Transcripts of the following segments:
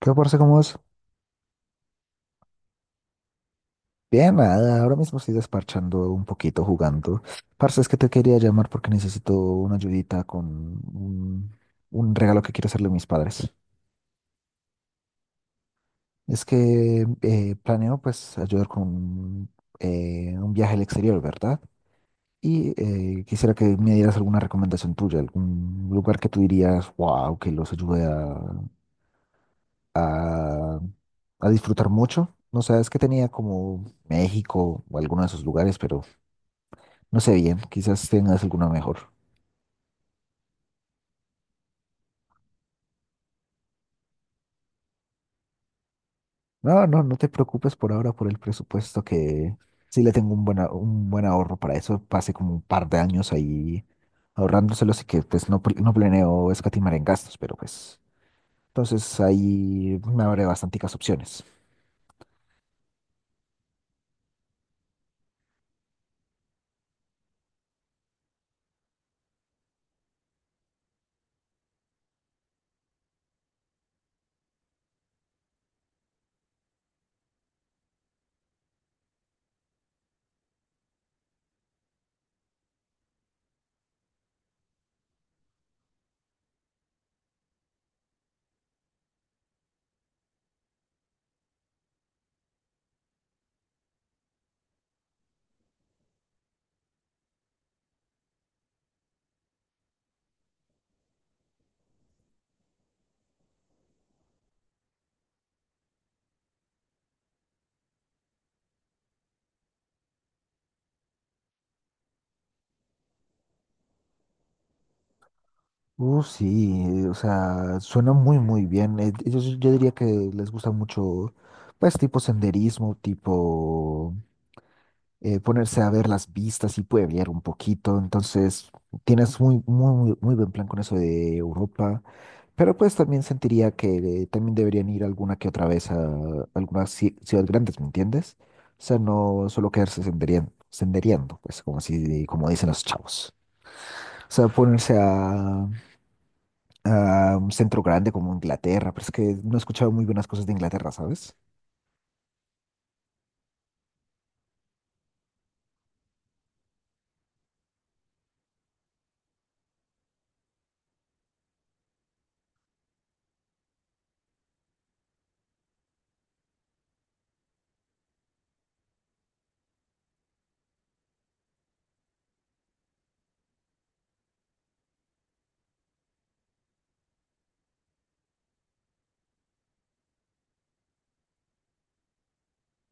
¿Qué, parce, cómo es? Bien, nada, ahora mismo estoy desparchando un poquito jugando. Parce, es que te quería llamar porque necesito una ayudita con un, un regalo que quiero hacerle a mis padres. Es que planeo, pues, ayudar con un viaje al exterior, ¿verdad? Y quisiera que me dieras alguna recomendación tuya, algún lugar que tú dirías, wow, que los ayude a, a disfrutar mucho. No sé, es que tenía como México o alguno de esos lugares, pero... No sé bien, quizás tengas alguna mejor. No, no, no te preocupes por ahora por el presupuesto, que sí le tengo un buen, un buen ahorro para eso. Pasé como un par de años ahí ahorrándoselo, así que pues no, no planeo escatimar en gastos, pero pues entonces ahí me abre bastanticas opciones. Sí, o sea, suena muy, muy bien. Ellos, yo diría que les gusta mucho, pues, tipo senderismo, tipo ponerse a ver las vistas y pueblear un poquito. Entonces, tienes muy, muy, muy buen plan con eso de Europa. Pero pues también sentiría que también deberían ir alguna que otra vez a algunas ciudades grandes, ¿me entiendes? O sea, no solo quedarse sendereando, pues como así, como dicen los chavos. O sea, ponerse a un centro grande como Inglaterra, pero es que no he escuchado muy buenas cosas de Inglaterra, ¿sabes?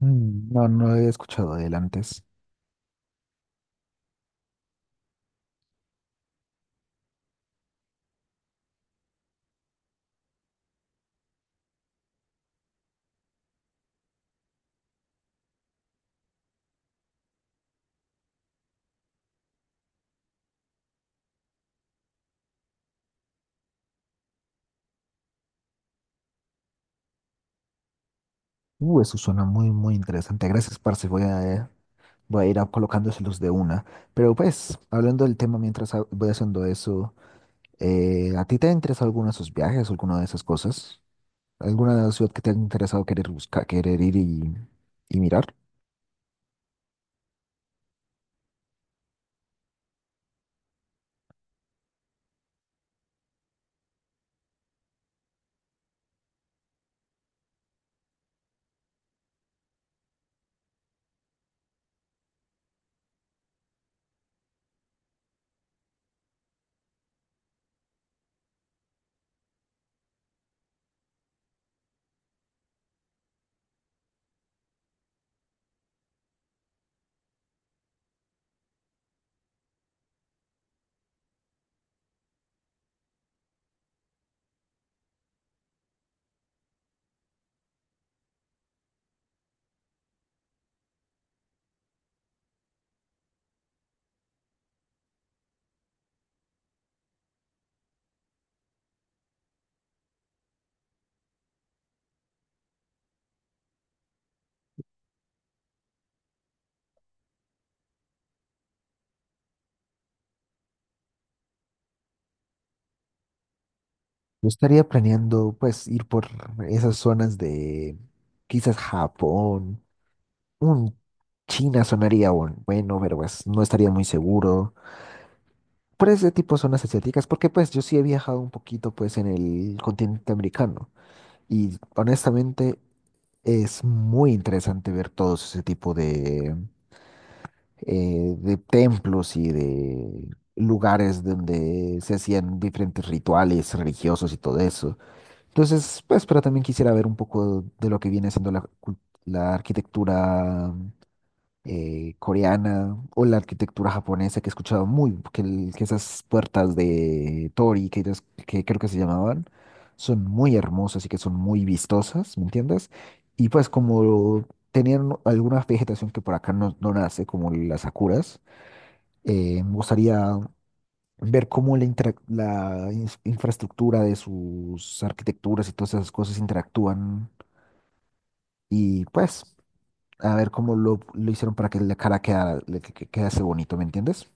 Mm. No, no he escuchado de él antes. Eso suena muy, muy interesante. Gracias, parce. Voy a ir a colocándoselos de una. Pero pues, hablando del tema mientras voy haciendo eso, ¿a ti te ha interesado alguno de esos viajes, alguna de esas cosas? ¿Alguna ciudad que te ha interesado querer buscar, querer ir y mirar? Yo estaría planeando, pues, ir por esas zonas de quizás Japón, un China sonaría bueno, pero pues no estaría muy seguro por ese tipo de zonas asiáticas, porque pues yo sí he viajado un poquito, pues, en el continente americano, y honestamente es muy interesante ver todo ese tipo de templos y de lugares donde se hacían diferentes rituales religiosos y todo eso. Entonces, pues, pero también quisiera ver un poco de lo que viene siendo la arquitectura coreana, o la arquitectura japonesa, que he escuchado muy, que, que esas puertas de Tori, que, que creo que se llamaban, son muy hermosas y que son muy vistosas, ¿me entiendes? Y pues como tenían alguna vegetación que por acá no, no nace, como las sakuras, me gustaría ver cómo la infraestructura de sus arquitecturas y todas esas cosas interactúan, y pues a ver cómo lo hicieron para que la cara quedara, que quedase bonito, ¿me entiendes?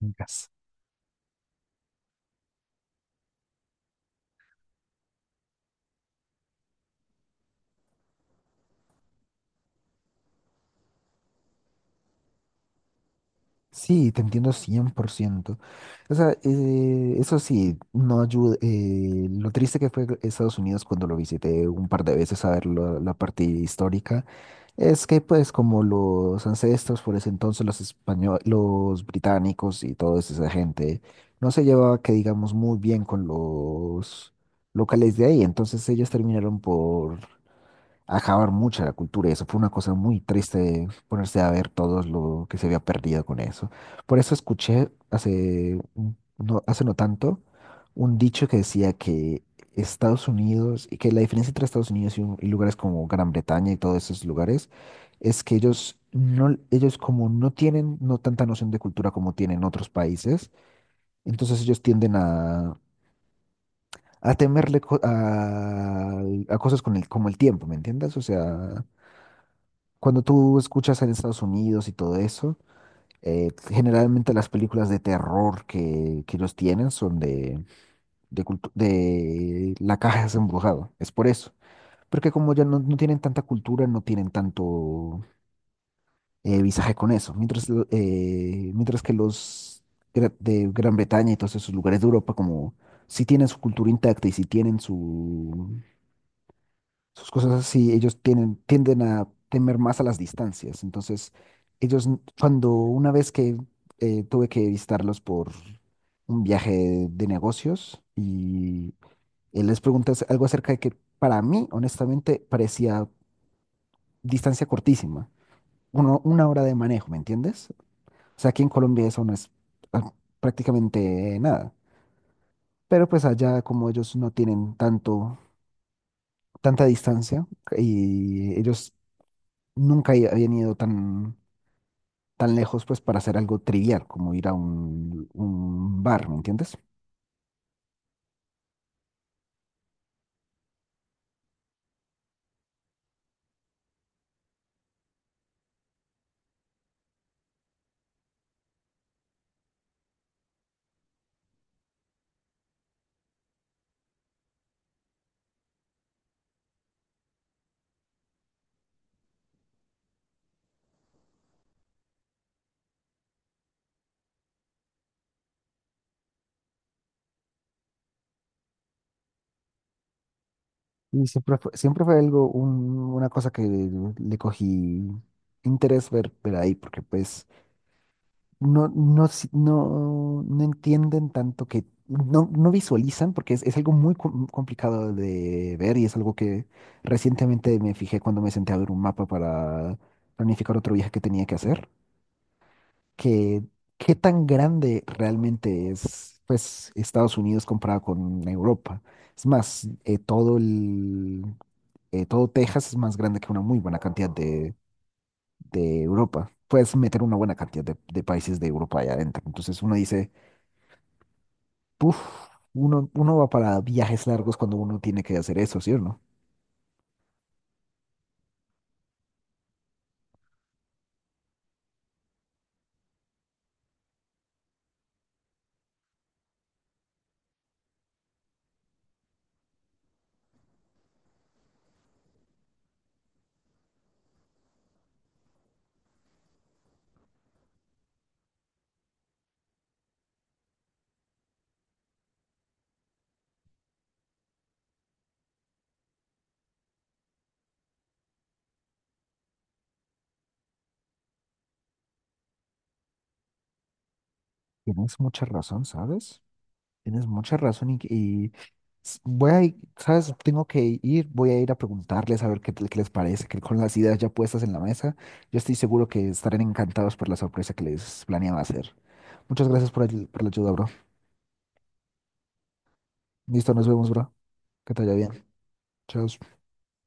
Nunca. Sí, te entiendo cien por ciento. O sea, eso sí, no ayuda, lo triste que fue Estados Unidos cuando lo visité un par de veces a ver la la parte histórica. Es que pues como los ancestros por ese entonces, los españoles, los británicos y toda esa gente, no se llevaba que digamos muy bien con los locales de ahí, entonces ellos terminaron por acabar mucho la cultura, y eso fue una cosa muy triste ponerse a ver todo lo que se había perdido con eso. Por eso escuché hace no, hace no tanto, un dicho que decía que Estados Unidos, y que la diferencia entre Estados Unidos y, y lugares como Gran Bretaña y todos esos lugares, es que ellos no, ellos como no tienen no tanta noción de cultura como tienen otros países, entonces ellos tienden a temerle a cosas con el, como el tiempo, ¿me entiendes? O sea, cuando tú escuchas en Estados Unidos y todo eso, generalmente las películas de terror que los tienen son de, de la caja es embrujado. Es por eso. Porque como ya no, no tienen tanta cultura, no tienen tanto visaje con eso. Mientras, mientras que los de Gran Bretaña y todos esos lugares de Europa, como sí tienen su cultura intacta y sí tienen sus cosas así, ellos tienen, tienden a temer más a las distancias. Entonces, ellos, cuando una vez que tuve que visitarlos por un viaje de negocios, y les pregunté algo acerca de que, para mí, honestamente, parecía distancia cortísima, uno, una hora de manejo, ¿me entiendes? O sea, aquí en Colombia eso no es ah, prácticamente nada. Pero pues allá como ellos no tienen tanto, tanta distancia, y ellos nunca habían ido tan, tan lejos pues para hacer algo trivial como ir a un bar, ¿me entiendes? Y siempre fue algo, una cosa que le cogí interés ver, ver ahí, porque pues no, no, no, no entienden tanto que, no, no visualizan, porque es algo muy complicado de ver, y es algo que recientemente me fijé cuando me senté a ver un mapa para planificar otro viaje que tenía que hacer, que qué tan grande realmente es pues Estados Unidos comparado con Europa. Es más, todo el, todo Texas es más grande que una muy buena cantidad de Europa. Puedes meter una buena cantidad de países de Europa allá adentro. Entonces uno dice, puff, uno, uno va para viajes largos cuando uno tiene que hacer eso, ¿sí o no? Tienes mucha razón, ¿sabes? Tienes mucha razón y, voy a ir, ¿sabes? Tengo que ir, voy a ir a preguntarles a ver qué, qué les parece, que con las ideas ya puestas en la mesa, yo estoy seguro que estarán encantados por la sorpresa que les planeaba hacer. Muchas gracias por, por la ayuda, bro. Listo, nos vemos, bro. Que te vaya bien. Chao.